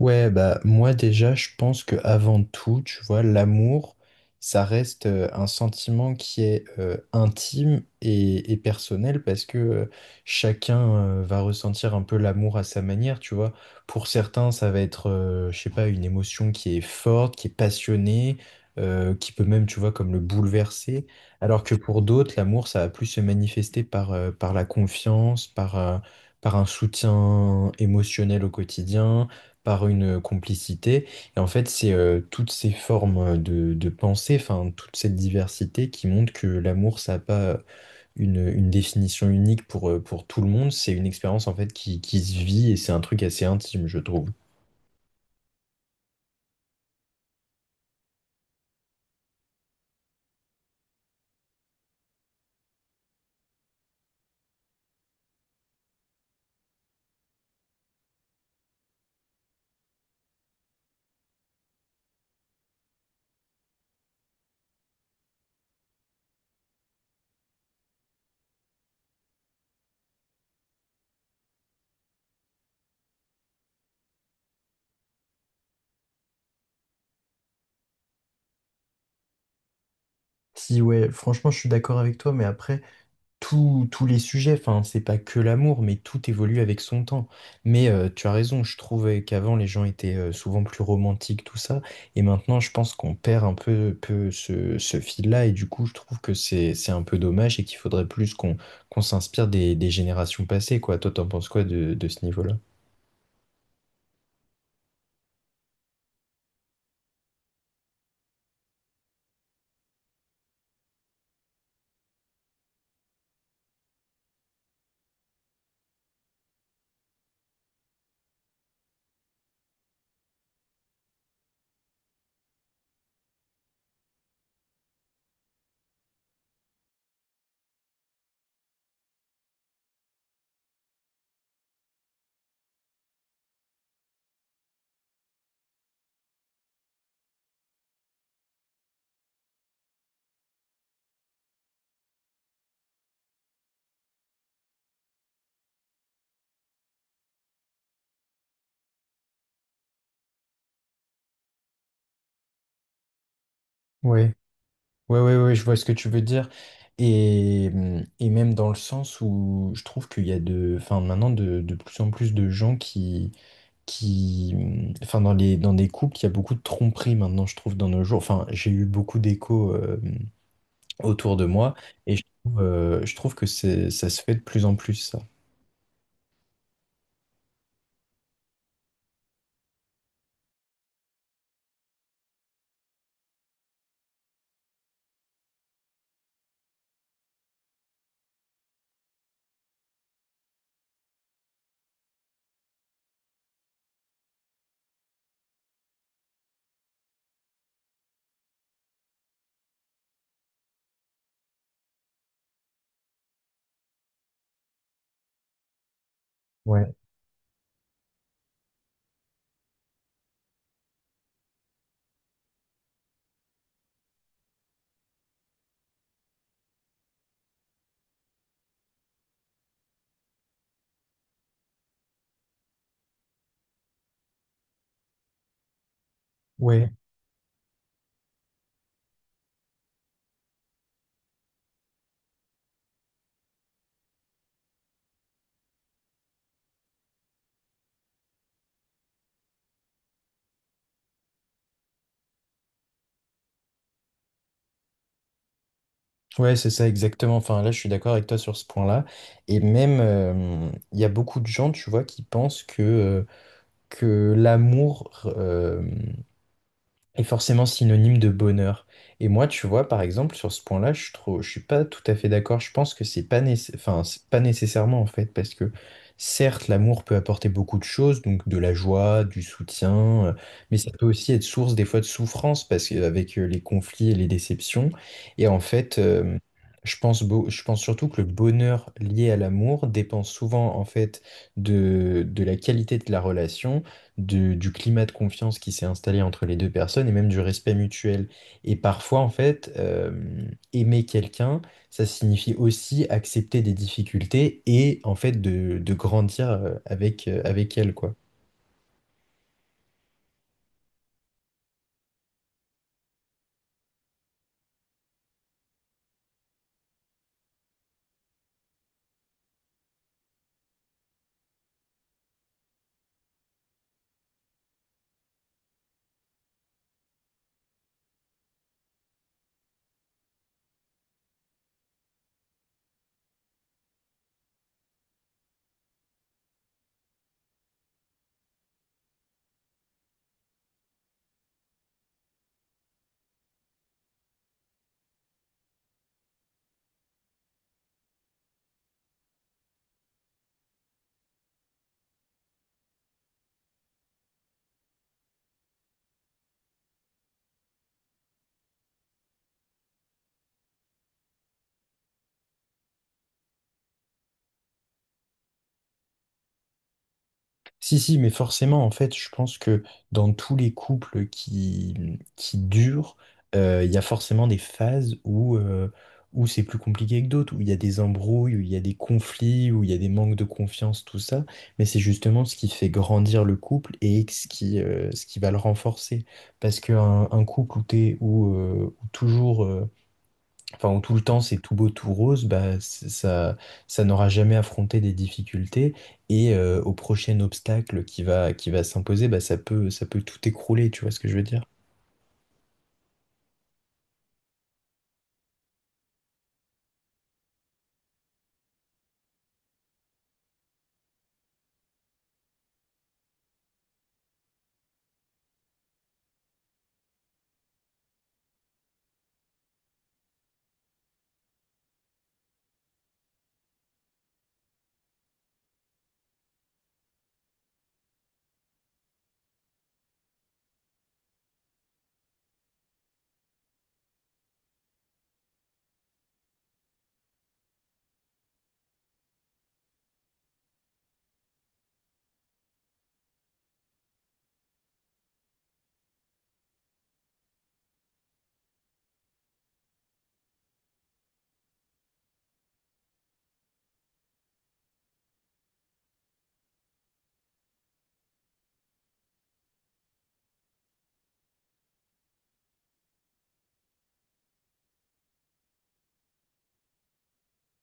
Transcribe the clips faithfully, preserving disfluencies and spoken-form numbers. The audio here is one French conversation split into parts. Ouais, bah moi déjà, je pense que avant tout, tu vois, l'amour, ça reste euh, un sentiment qui est euh, intime et, et personnel parce que euh, chacun euh, va ressentir un peu l'amour à sa manière, tu vois. Pour certains, ça va être, euh, je sais pas, une émotion qui est forte, qui est passionnée, euh, qui peut même, tu vois, comme le bouleverser. Alors que pour d'autres, l'amour, ça va plus se manifester par, euh, par la confiance, par, euh, par un soutien émotionnel au quotidien par une complicité. Et en fait, c'est euh, toutes ces formes euh, de, de pensée, enfin, toute cette diversité qui montre que l'amour, ça n'a pas euh, une, une définition unique pour, euh, pour tout le monde. C'est une expérience, en fait, qui, qui se vit et c'est un truc assez intime, je trouve. Si, ouais, franchement, je suis d'accord avec toi, mais après, tous tous les sujets, enfin, c'est pas que l'amour, mais tout évolue avec son temps. Mais euh, tu as raison, je trouvais qu'avant les gens étaient euh, souvent plus romantiques, tout ça, et maintenant je pense qu'on perd un peu, peu ce, ce fil-là, et du coup je trouve que c'est, c'est un peu dommage et qu'il faudrait plus qu'on qu'on s'inspire des, des générations passées, quoi. Toi, t'en penses quoi de, de ce niveau-là? Ouais. Ouais, ouais, ouais, je vois ce que tu veux dire. Et, hum, et même dans le sens où je trouve qu'il y a de, enfin, maintenant de, de plus en plus de gens qui, qui, hum, enfin, dans les, dans des couples, il y a beaucoup de tromperies maintenant, je trouve, dans nos jours. Enfin, j'ai eu beaucoup d'échos, euh, mmh, autour de moi et je trouve, euh, je trouve que c'est, ça se fait de plus en plus, ça. Ouais, ouais, ouais, c'est ça exactement. Enfin, là, je suis d'accord avec toi sur ce point-là. Et même, euh, mmh, il y a beaucoup de gens, tu vois, qui pensent que que l'amour euh, est forcément synonyme de bonheur. Et moi, tu vois, par exemple, sur ce point-là, je suis trop, je suis pas tout à fait d'accord. Je pense que c'est pas nécess- enfin, c'est pas nécessairement en fait, parce que certes, l'amour peut apporter beaucoup de choses, donc de la joie, du soutien, euh, mais ça peut aussi être source des fois de souffrance, parce qu'avec les conflits et les déceptions, et en fait. euh, Je pense, beau- je pense surtout que le bonheur lié à l'amour dépend souvent en fait de, de la qualité de la relation du, du climat de confiance qui s'est installé entre les deux personnes et même du respect mutuel. Et parfois, en fait, euh, aimer quelqu'un, ça signifie aussi accepter des difficultés et en fait de, de grandir euh, avec, euh, avec elle, quoi. Si, si, mais forcément, en fait, je pense que dans tous les couples qui, qui durent, euh, il y a forcément des phases où, euh, où c'est plus compliqué que d'autres, où il y a des embrouilles, où il y a des conflits, où il y a des manques de confiance, tout ça. Mais c'est justement ce qui fait grandir le couple et ce qui, euh, ce qui va le renforcer. Parce qu'un un couple où t'es, où, euh, où toujours euh, enfin, où tout le temps c'est tout beau, tout rose, bah, c- ça, ça n'aura jamais affronté des difficultés. Et euh, au prochain obstacle qui va, qui va s'imposer, bah, ça peut, ça peut tout écrouler, tu vois ce que je veux dire?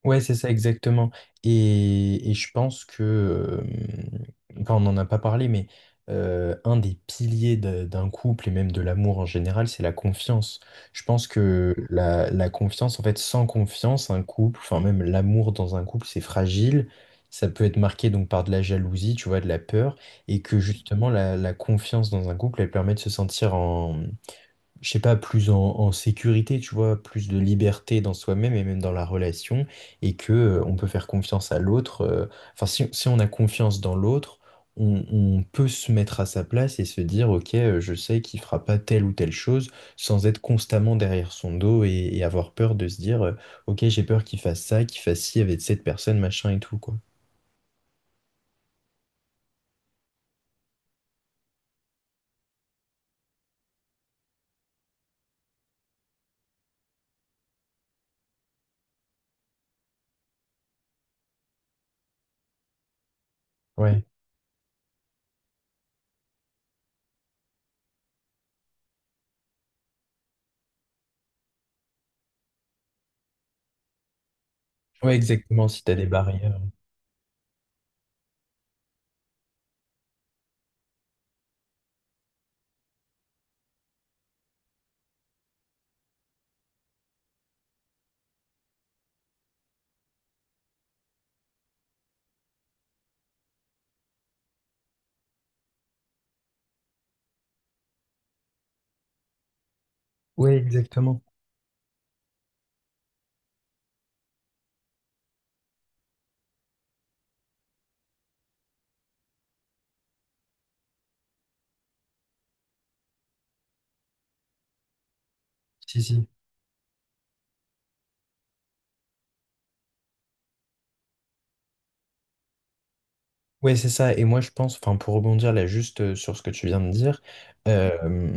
Ouais, c'est ça exactement. Et, et je pense que, euh, enfin, on n'en a pas parlé, mais euh, un des piliers de- d'un couple et même de l'amour en général, c'est la confiance. Je pense que la, la confiance, en fait, sans confiance, un couple, enfin même l'amour dans un couple, c'est fragile. Ça peut être marqué donc par de la jalousie, tu vois, de la peur, et que justement la, la confiance dans un couple, elle permet de se sentir je sais pas, plus en, en sécurité, tu vois, plus de liberté dans soi-même et même dans la relation, et que euh, on peut faire confiance à l'autre. euh, Enfin, si, si on a confiance dans l'autre, on, on peut se mettre à sa place et se dire, ok, euh, je sais qu'il fera pas telle ou telle chose, sans être constamment derrière son dos et, et avoir peur de se dire, euh, ok, j'ai peur qu'il fasse ça, qu'il fasse ci avec cette personne, machin et tout, quoi. Ouais, ouais, exactement, si t'as des barrières. Ouais, exactement. Si, si. Ouais, c'est ça. Et moi, je pense, enfin, pour rebondir là juste euh, sur ce que tu viens de dire, Mhm. euh,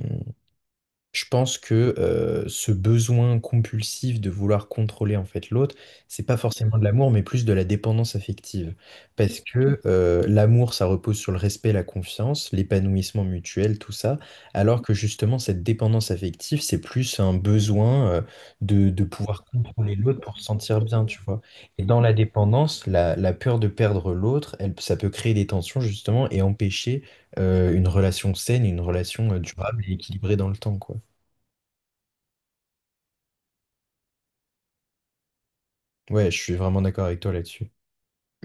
je pense que euh, ce besoin compulsif de vouloir contrôler en fait l'autre, c'est pas forcément de l'amour, mais plus de la dépendance affective. Parce que euh, l'amour, ça repose sur le respect, la confiance, l'épanouissement mutuel, tout ça, alors que justement cette dépendance affective, c'est plus un besoin euh, de, de pouvoir contrôler l'autre pour se sentir bien, tu vois. Et dans la dépendance, la, la peur de perdre l'autre, elle, ça peut créer des tensions justement et empêcher euh, une relation saine, une relation euh, durable et équilibrée dans le temps, quoi. Ouais, je suis vraiment d'accord avec toi là-dessus.